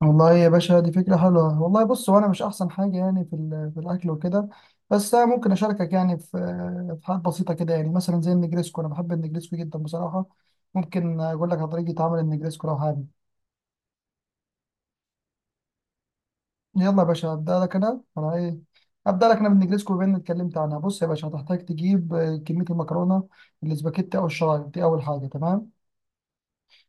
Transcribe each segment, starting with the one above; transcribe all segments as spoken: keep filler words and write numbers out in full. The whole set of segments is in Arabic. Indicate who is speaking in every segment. Speaker 1: والله يا باشا، دي فكرة حلوة والله. بص، هو أنا مش أحسن حاجة يعني في ال- في الأكل وكده. بس أنا ممكن أشاركك يعني في في حاجات بسيطة كده، يعني مثلا زي النجريسكو. أنا بحب النجريسكو جدا بصراحة. ممكن أقول لك على طريقة عمل النجريسكو لو حابب. يلا يا باشا، أبدأ لك أنا أنا إيه أبدأ لك أنا بالنجريسكو بما إني اتكلمت عنها. بص يا باشا، هتحتاج تجيب آه، كمية المكرونة الاسباجيتي أو الشرايط دي، أول حاجة. تمام.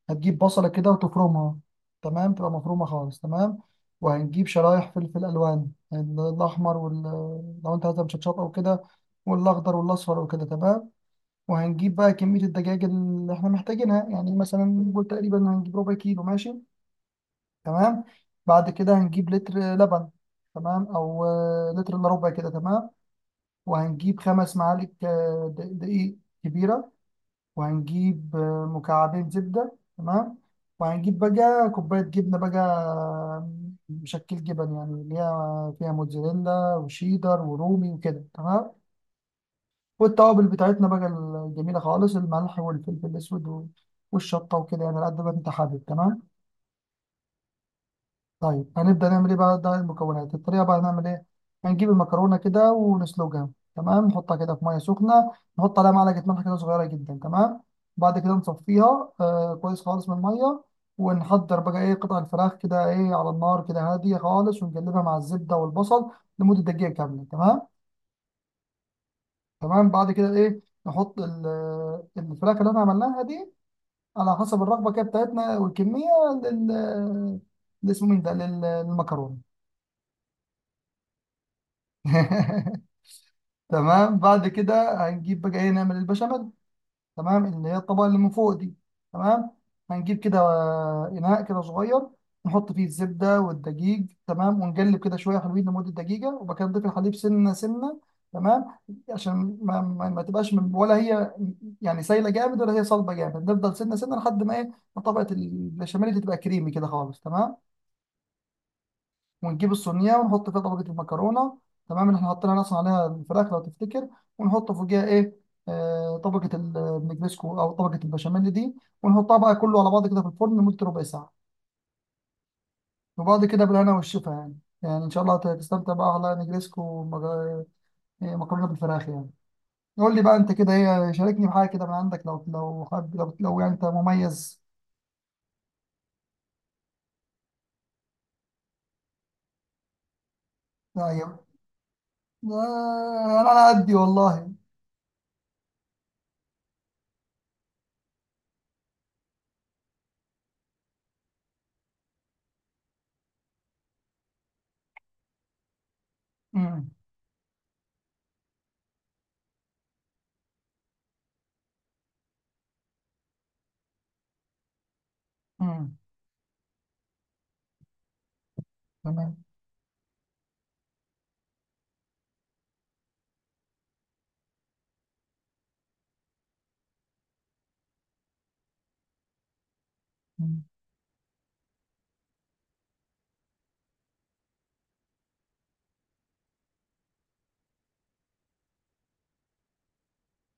Speaker 1: هتجيب بصلة كده وتفرمها. تمام. تبقى مفرومة خالص. تمام. وهنجيب شرايح فلفل ألوان، يعني الأحمر وال لو أنت عايزها مشطشطة أو كده، والأخضر والأصفر وكده. تمام. وهنجيب بقى كمية الدجاج اللي إحنا محتاجينها، يعني مثلا نقول تقريبا هنجيب ربع كيلو. ماشي. تمام. بعد كده هنجيب لتر لبن. تمام. أو آه، لتر إلا ربع كده. تمام. وهنجيب خمس معالق آه، د- دقيق كبيرة. وهنجيب آه، مكعبين زبدة. تمام. وهنجيب بقى كوباية جبنة بقى، مشكل جبن، يعني اللي هي فيها موتزاريلا وشيدر ورومي وكده. تمام. والتوابل بتاعتنا بقى الجميلة خالص، الملح والفلفل الأسود والشطة وكده، يعني على قد ما أنت حابب. تمام. طيب، هنبدأ نعمل ايه بقى؟ ده المكونات. الطريقة بقى هنعمل ايه. هنجيب المكرونة كده ونسلقها. تمام. نحطها كده في مية سخنة، نحط عليها معلقة ملح كده صغيرة جدا. تمام. بعد كده نصفيها آه كويس خالص من المية، ونحضر بقى ايه قطع الفراخ كده ايه على النار كده هادية خالص، ونقلبها مع الزبدة والبصل لمدة دقيقة كاملة. تمام. تمام، بعد كده ايه، نحط ال- الفراخ اللي احنا عملناها دي على حسب الرغبة كده بتاعتنا والكمية لل اللي اسمه مين ده لل- للمكرونة. تمام. بعد كده هنجيب بقى ايه نعمل البشاميل. تمام، اللي هي الطبقه اللي من فوق دي. تمام. هنجيب كده آه، اناء كده صغير، نحط فيه الزبده والدقيق. تمام. ونقلب كده شويه حلوين لمده دقيقه، وبعد كده نضيف الحليب سنه سنه. تمام. عشان ما, ما, ما تبقاش من ولا هي يعني سايله جامد ولا هي صلبه جامد. نفضل سنه سنه لحد ما ايه ما طبقه البشاميل دي تبقى كريمي كده خالص. تمام. ونجيب الصينيه ونحط فيها طبقه المكرونه، تمام، اللي احنا حطينا اصلا عليها الفراخ لو تفتكر. ونحط فوقيها ايه آه طبقه ال- النجريسكو او طبقه البشاميل دي، ونحطها بقى كله على بعض كده في الفرن لمده ربع ساعه. وبعد كده بالهنا والشفا يعني. يعني ان شاء الله تستمتع بقى على نجريسكو ومج- إيه، مكرونه بالفراخ يعني. قول لي بقى انت كده ايه، شاركني بحاجه كده من عندك لو لو حابب، لو, لو يعني، انت مميز. لا، يا- آه، انا على قدي والله. امم امم تمام.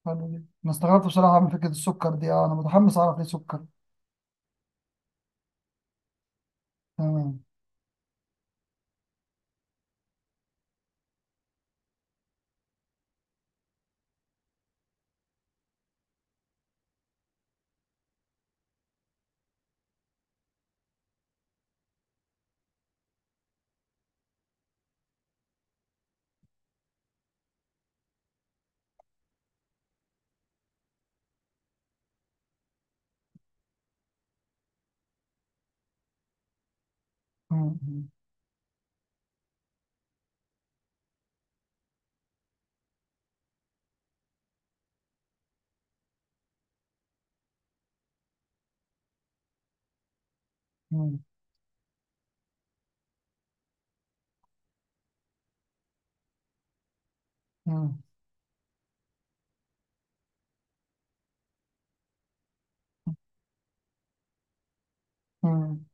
Speaker 1: حلو جدا. انا استغربت بصراحه من فكره السكر دي. اه، انا متحمس اعرف ليه سكر. تمام. مم. مم. مم. مم.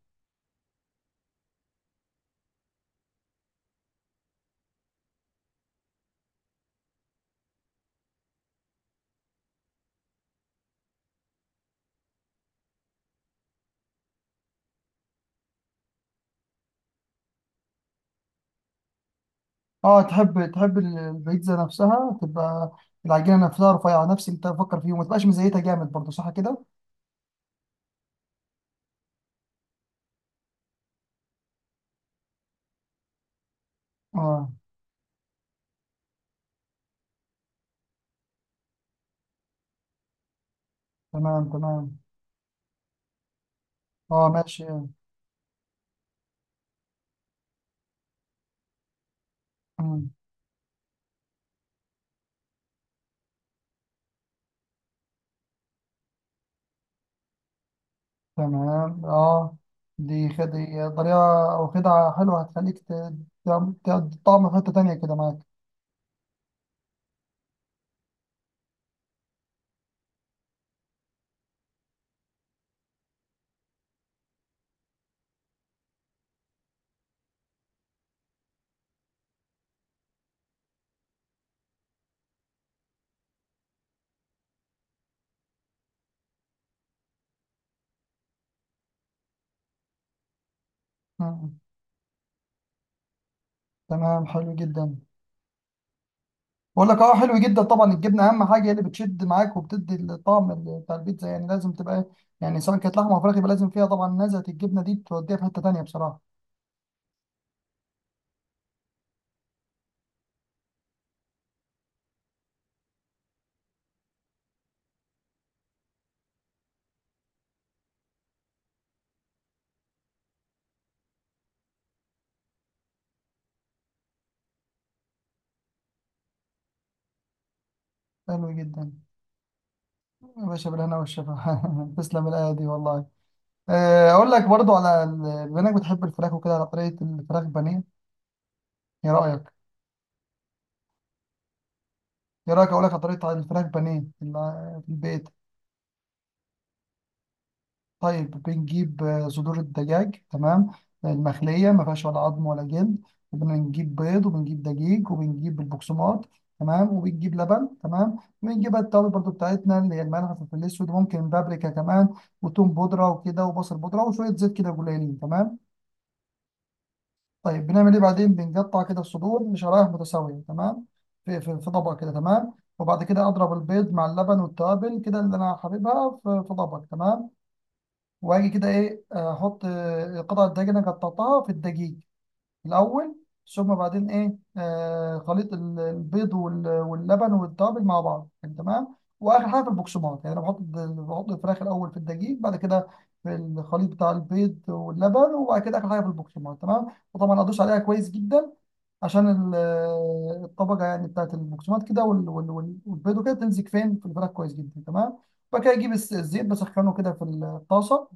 Speaker 1: اه، تحب تحب ال- البيتزا نفسها تبقى العجينه نفسها رفيعه، نفس اللي انت بتفكر فيه، وما تبقاش مزيتها جامد برضه، صح كده؟ اه. تمام تمام. اه ماشي. مم. تمام. اه. دي خد دي طريقه او خدعه حلوه هتخليك ت- تعم- تعد- طعم في حته تانيه كده معاك. مم. تمام. حلو جدا. بقول لك اه، حلو جدا طبعا. الجبنه اهم حاجه، هي اللي بتشد معاك وبتدي الطعم ال- بتاع البيتزا، يعني لازم تبقى يعني، سواء كانت لحمه او فراخ، يبقى لازم فيها طبعا. نزهه الجبنه دي بتوديها في حته تانيه بصراحه. حلو جدا. يا باشا، بالهنا والشفا. تسلم الايه دي والله. آه، اقول لك برضو على ال- بما انك بتحب الفراخ وكده على طريقه الفراخ بانيه. ايه رايك؟ ايه رايك اقول لك على طريقه الفراخ بانيه اللي في البيت؟ طيب، بنجيب آه، صدور الدجاج. تمام، المخلية، ما فيهاش ولا عظم ولا جلد. وبنجيب بيض، وبنجيب دقيق، وبنجيب البقسماط. تمام. وبنجيب لبن. تمام. وبنجيب بقى التوابل برضو بتاعتنا اللي هي الملح والفلفل الأسود، وممكن بابريكا كمان، وتوم بودرة وكده، وبصل بودرة، وشوية زيت كده قليلين. تمام. طيب، بنعمل إيه بعدين؟ بنقطع كده الصدور لشرايح متساوية. تمام. في في في طبق كده. تمام. وبعد كده أضرب البيض مع اللبن والتوابل كده اللي أنا حاببها في في طبق. تمام. واجي كده ايه، احط آه، القطع الدجاج انا قطعتها في الدقيق الاول. ثم بعدين ايه آه خليط ال- البيض وال- واللبن والتوابل مع بعض يعني. تمام. واخر حاجه في البقسماط، يعني انا بحط الد- بحط الفراخ الاول في الدقيق، بعد كده في الخليط بتاع البيض واللبن، وبعد كده اخر حاجه في البقسماط. تمام. وطبعا ادوس عليها كويس جدا، عشان ال- آه، الطبقه يعني بتاعت البقسماط كده وال- وال- وال- والبيض وكده تمسك فين في الفراخ كويس جدا. تمام. بعد كده اجيب الس- الزيت بسخنه كده في الطاسه.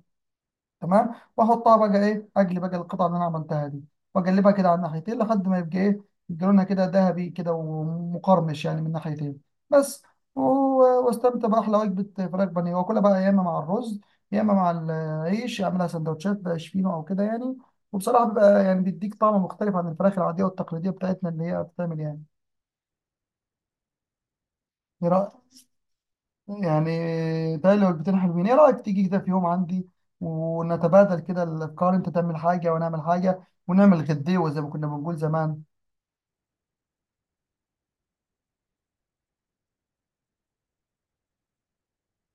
Speaker 1: تمام. واحطها بقى ايه، اجلي بقى القطعه اللي انا عملتها دي، واقلبها كده على الناحيتين لحد ما يبقى ايه لونها كده ذهبي كده ومقرمش، يعني من ناحيتين بس. و- واستمتع باحلى وجبه فراخ بانيه، واكلها بقى يا اما مع الرز، يا اما مع العيش، اعملها سندوتشات بقى شفينو او كده يعني. وبصراحه بيبقى يعني بيديك طعم مختلف عن الفراخ العاديه والتقليديه بتاعتنا اللي هي بتتعمل يعني. ايه رأيك؟ يعني تالي وجبتين حلوين، ايه رأيك تيجي كده في يوم عندي ونتبادل كده الافكار، انت تعمل حاجة ونعمل حاجة، ونعمل غديوة زي ما كنا بنقول زمان.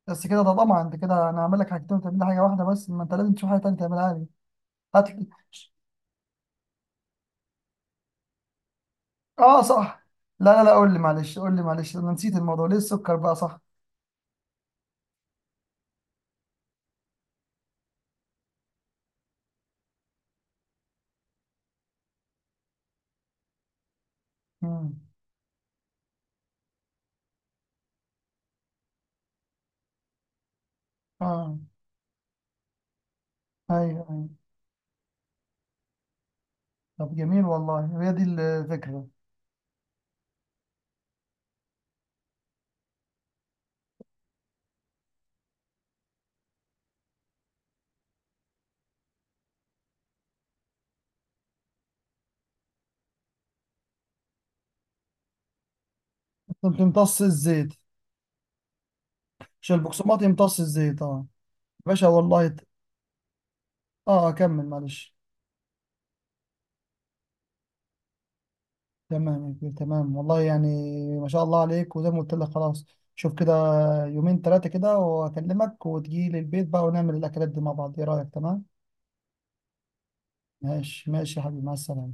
Speaker 1: بس كده؟ ده طبعا انت كده انا هعمل لك حاجتين وتعمل لي حاجة واحدة بس، ما انت لازم تشوف حاجة تانية تعملها لي. هات لي. اه صح. لا لا لا، قول لي معلش، قول لي معلش، انا نسيت الموضوع، ليه السكر بقى؟ صح. مم. اه، ايوه ايوه. طب جميل والله، هي دي الفكرة. انت تمتص الزيت؟ عشان البقسماط يمتص الزيت، اه. باشا والله ت- اه، كمل معلش. تمام يا كبير، تمام والله يعني، ما شاء الله عليك. وزي ما قلت لك خلاص، شوف كده، يومين ثلاثة كده وأكلمك وتجي لي البيت بقى ونعمل الأكلات دي مع بعض. إيه رأيك؟ تمام؟ ماشي ماشي يا حبيبي، مع السلامة.